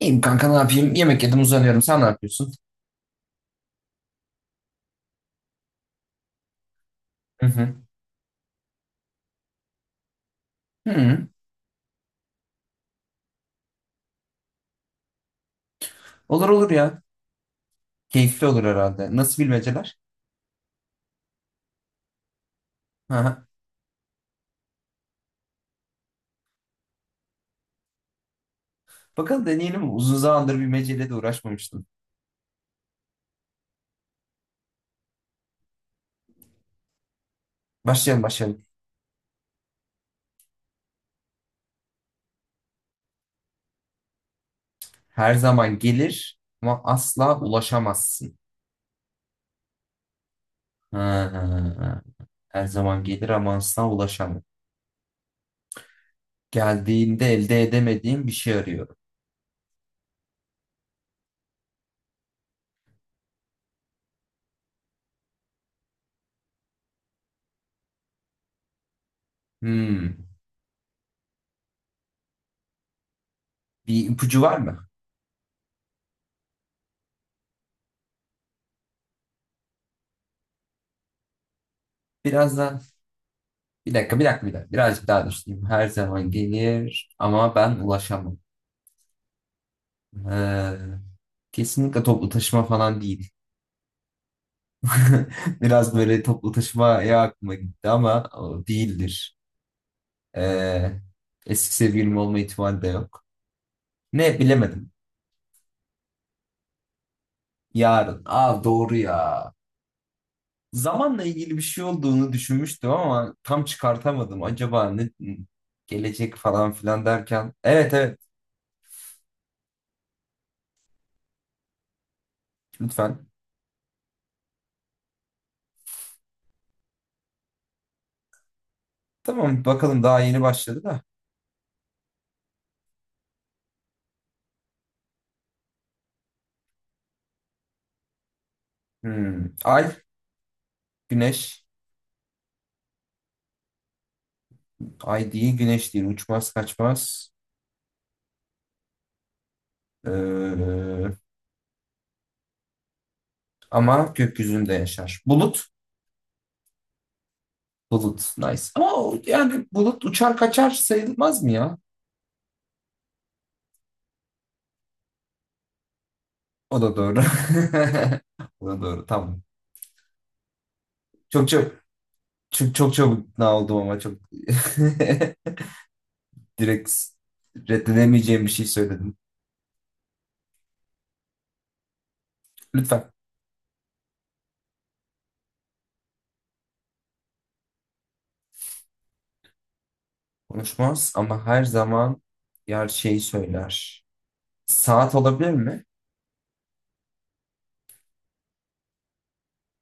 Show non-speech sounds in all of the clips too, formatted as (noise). İyiyim kanka ne yapayım? Yemek yedim, uzanıyorum. Sen ne yapıyorsun? Hı hı. Hı. Olur olur ya. Keyifli olur herhalde. Nasıl bilmeceler? Hı hı. Bakalım, deneyelim. Uzun zamandır bilmeceyle de uğraşmamıştım. Başlayalım başlayalım. Her zaman gelir ama asla ulaşamazsın. Hı hı. Her zaman gelir ama asla ulaşamam. Geldiğinde elde edemediğim bir şey arıyorum. Hmm. Bir ipucu var mı? Biraz da bir dakika. Birazcık daha düşüneyim. Her zaman gelir ama ben ulaşamam. Ee, Kesinlikle toplu taşıma falan değil. (laughs) Biraz böyle toplu taşımaya aklıma gitti ama o değildir. Ee, Eski sevgilim olma ihtimali de yok. Ne, bilemedim. Yarın. Aa, doğru ya. Zamanla ilgili bir şey olduğunu düşünmüştüm ama tam çıkartamadım. Acaba ne gelecek falan filan derken. Evet evet, lütfen. Tamam, bakalım, daha yeni başladı da. Hmm. Ay, güneş. Ay değil, güneş değil, uçmaz kaçmaz. Ee, ama gökyüzünde yaşar. Bulut. Bulut. Nice. Ama o- yani bulut uçar kaçar sayılmaz mı ya? O da doğru. (laughs) O da doğru. Tamam. Çok çok çok çok çabuk ikna oldum ama çok (laughs) direkt reddedemeyeceğim bir şey söyledim. Lütfen. Konuşmaz ama her zaman yer şeyi söyler. Saat olabilir mi?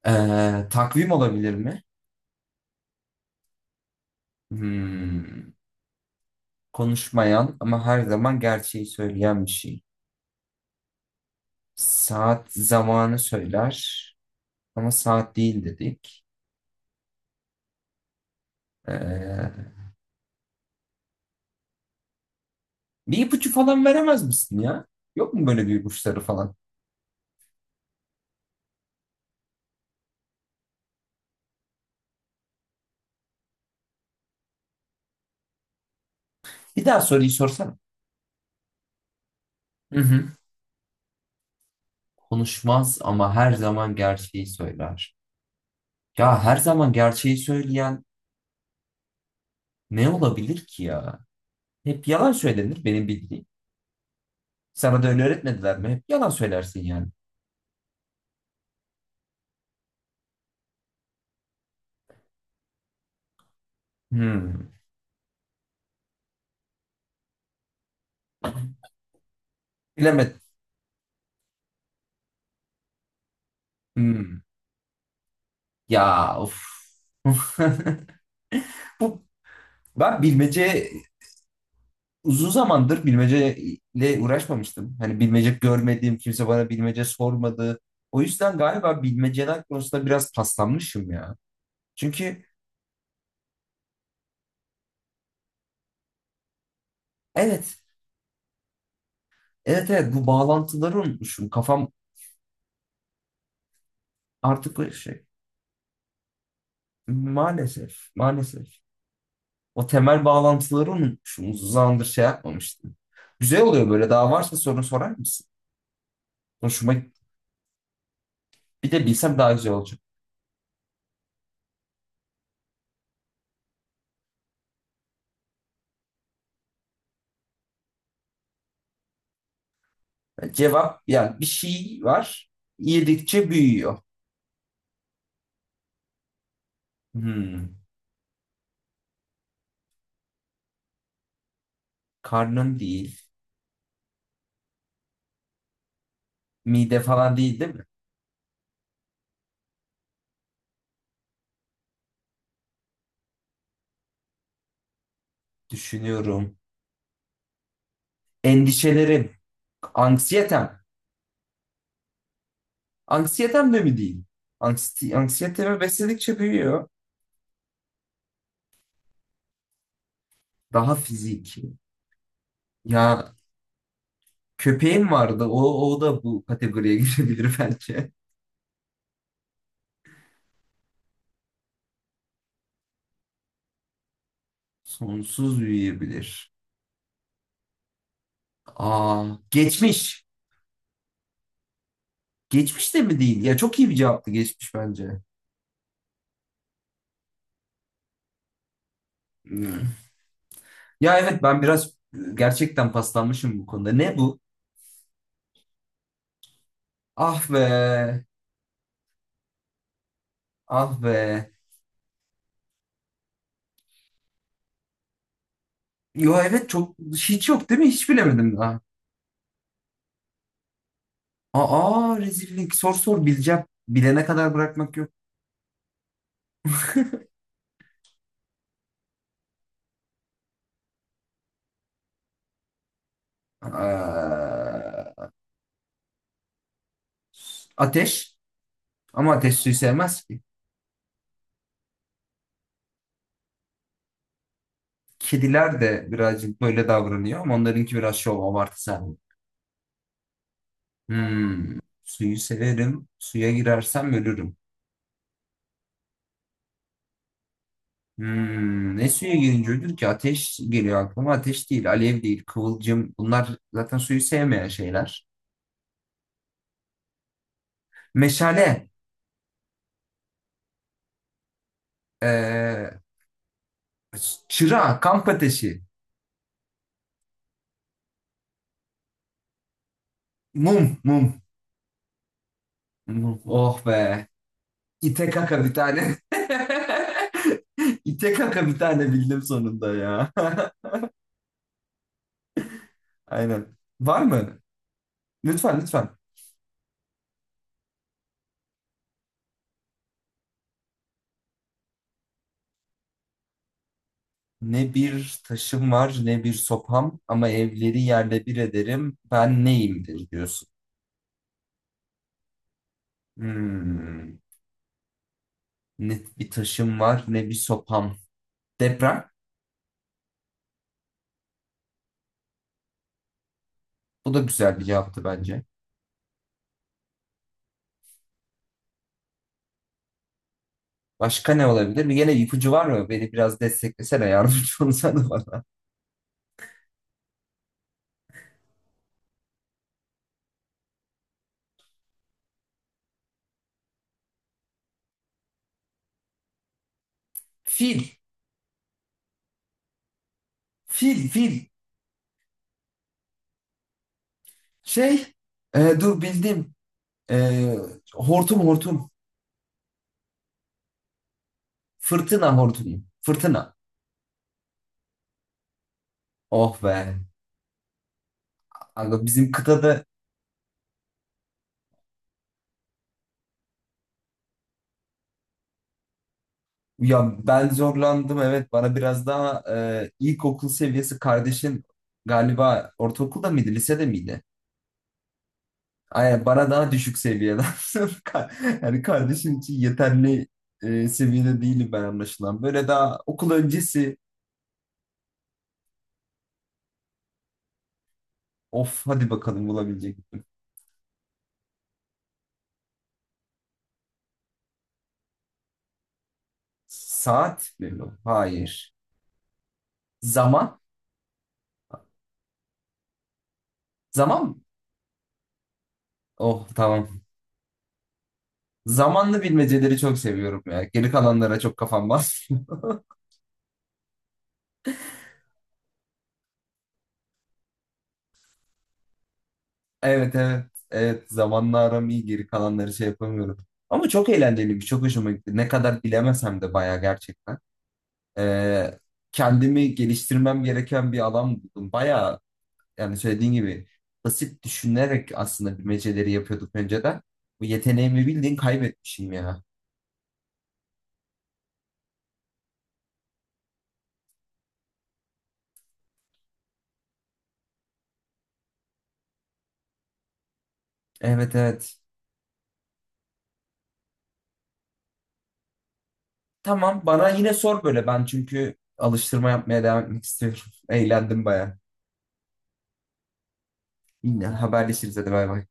Takvim olabilir mi? Hmm, konuşmayan ama her zaman gerçeği söyleyen bir şey. Saat zamanı söyler ama saat değil dedik. Ee, bir ipucu falan veremez misin ya? Yok mu böyle bir ipuçları falan? Bir daha soruyu sorsana. Hı hı. Konuşmaz ama her zaman gerçeği söyler. Ya her zaman gerçeği söyleyen ne olabilir ki ya? Hep yalan söylenir benim bildiğim. Sana da öyle öğretmediler mi? Hep yalan söylersin yani. Hmm. Bilemedim. Hmm. Ya of. (laughs) Bu ben bilmece Uzun zamandır bilmeceyle uğraşmamıştım. Hani bilmece görmediğim, kimse bana bilmece sormadı. O yüzden galiba bilmeceler konusunda biraz paslanmışım ya. Çünkü evet, evet bu bağlantıları unutmuşum. Kafam artık o şey. Maalesef, maalesef. O temel bağlantıları unutmuşum. Uzun zamandır şey yapmamıştım. Güzel oluyor böyle. Daha varsa soru sorar mısın? Hoşuma, bir de bilsem daha güzel olacak. Cevap, yani bir şey var. Yedikçe büyüyor. Hmm. Karnın değil. Mide falan değil, değil mi? Düşünüyorum. Endişelerim. Anksiyetem. Anksiyetem de mi değil? Anksiyete, anksiyetemi besledikçe büyüyor. Daha fiziki. Ya köpeğim vardı. O da bu kategoriye (laughs) girebilir bence. Sonsuz büyüyebilir. Aa, geçmiş. Geçmiş de mi değil? Ya çok iyi bir cevaptı geçmiş bence. Hmm. Ya evet ben biraz gerçekten paslanmışım bu konuda. Ne bu? Ah be. Ah be. Yo evet çok, hiç yok değil mi? Hiç bilemedim daha. Aa, rezillik. Sor sor bileceğim. Bilene kadar bırakmak yok. Aa, ateş. Ama ateş suyu sevmez ki. Kediler de birazcık böyle davranıyor ama onlarınki biraz şov, abartı sahibi. Hmm. Suyu severim. Suya girersem ölürüm. Hmm. Ne suya girince ölür ki? Ateş geliyor aklıma. Ateş değil, alev değil, kıvılcım. Bunlar zaten suyu sevmeyen şeyler. Meşale. Ee, çıra, kamp ateşi. Mum, mum. Mum. Oh be. İte kaka bir tane. (laughs) İte kaka bir tane bildim sonunda ya. (laughs) Aynen. Var mı? Lütfen lütfen. Ne bir taşım var ne bir sopam ama evleri yerle bir ederim. Ben neyimdir diyorsun. Hmm. Ne bir taşım var ne bir sopam. Deprem. Bu da güzel bir cevaptı bence. Başka ne olabilir? Bir gene ipucu var mı? Beni biraz desteklesene, yardımcı (laughs) olsana bana. Fil. Fil, fil. Şey, dur bildim. E, hortum hortum. Fırtına hortumu. Fırtına. Oh be. Aga bizim kıtada, ya ben zorlandım evet, bana biraz daha ilkokul seviyesi. Kardeşin galiba ortaokulda mıydı, lisede miydi? Aynen, bana daha düşük seviyeden. (laughs) Yani kardeşin için yeterli seviyede değilim ben, anlaşılan. Böyle daha okul öncesi. Of, hadi bakalım, bulabilecek miyim? Saat mi bu? Hayır. Zaman. Zaman mı? Oh tamam. Zamanlı bilmeceleri çok seviyorum ya. Geri kalanlara çok kafam basmıyor. (laughs) Evet evet. Evet, zamanla aram iyi, geri kalanları şey yapamıyorum. Ama çok eğlenceliymiş. Çok hoşuma gitti. Ne kadar bilemesem de bayağı, gerçekten. Ee, kendimi geliştirmem gereken bir alan buldum. Bayağı, yani söylediğin gibi, basit düşünerek aslında bilmeceleri yapıyorduk önceden. Bu yeteneğimi bildiğin kaybetmişim ya. Evet evet. Tamam, bana yine sor böyle, ben çünkü alıştırma yapmaya devam etmek istiyorum. (laughs) Eğlendim baya. Yine haberleşiriz, hadi bay bay.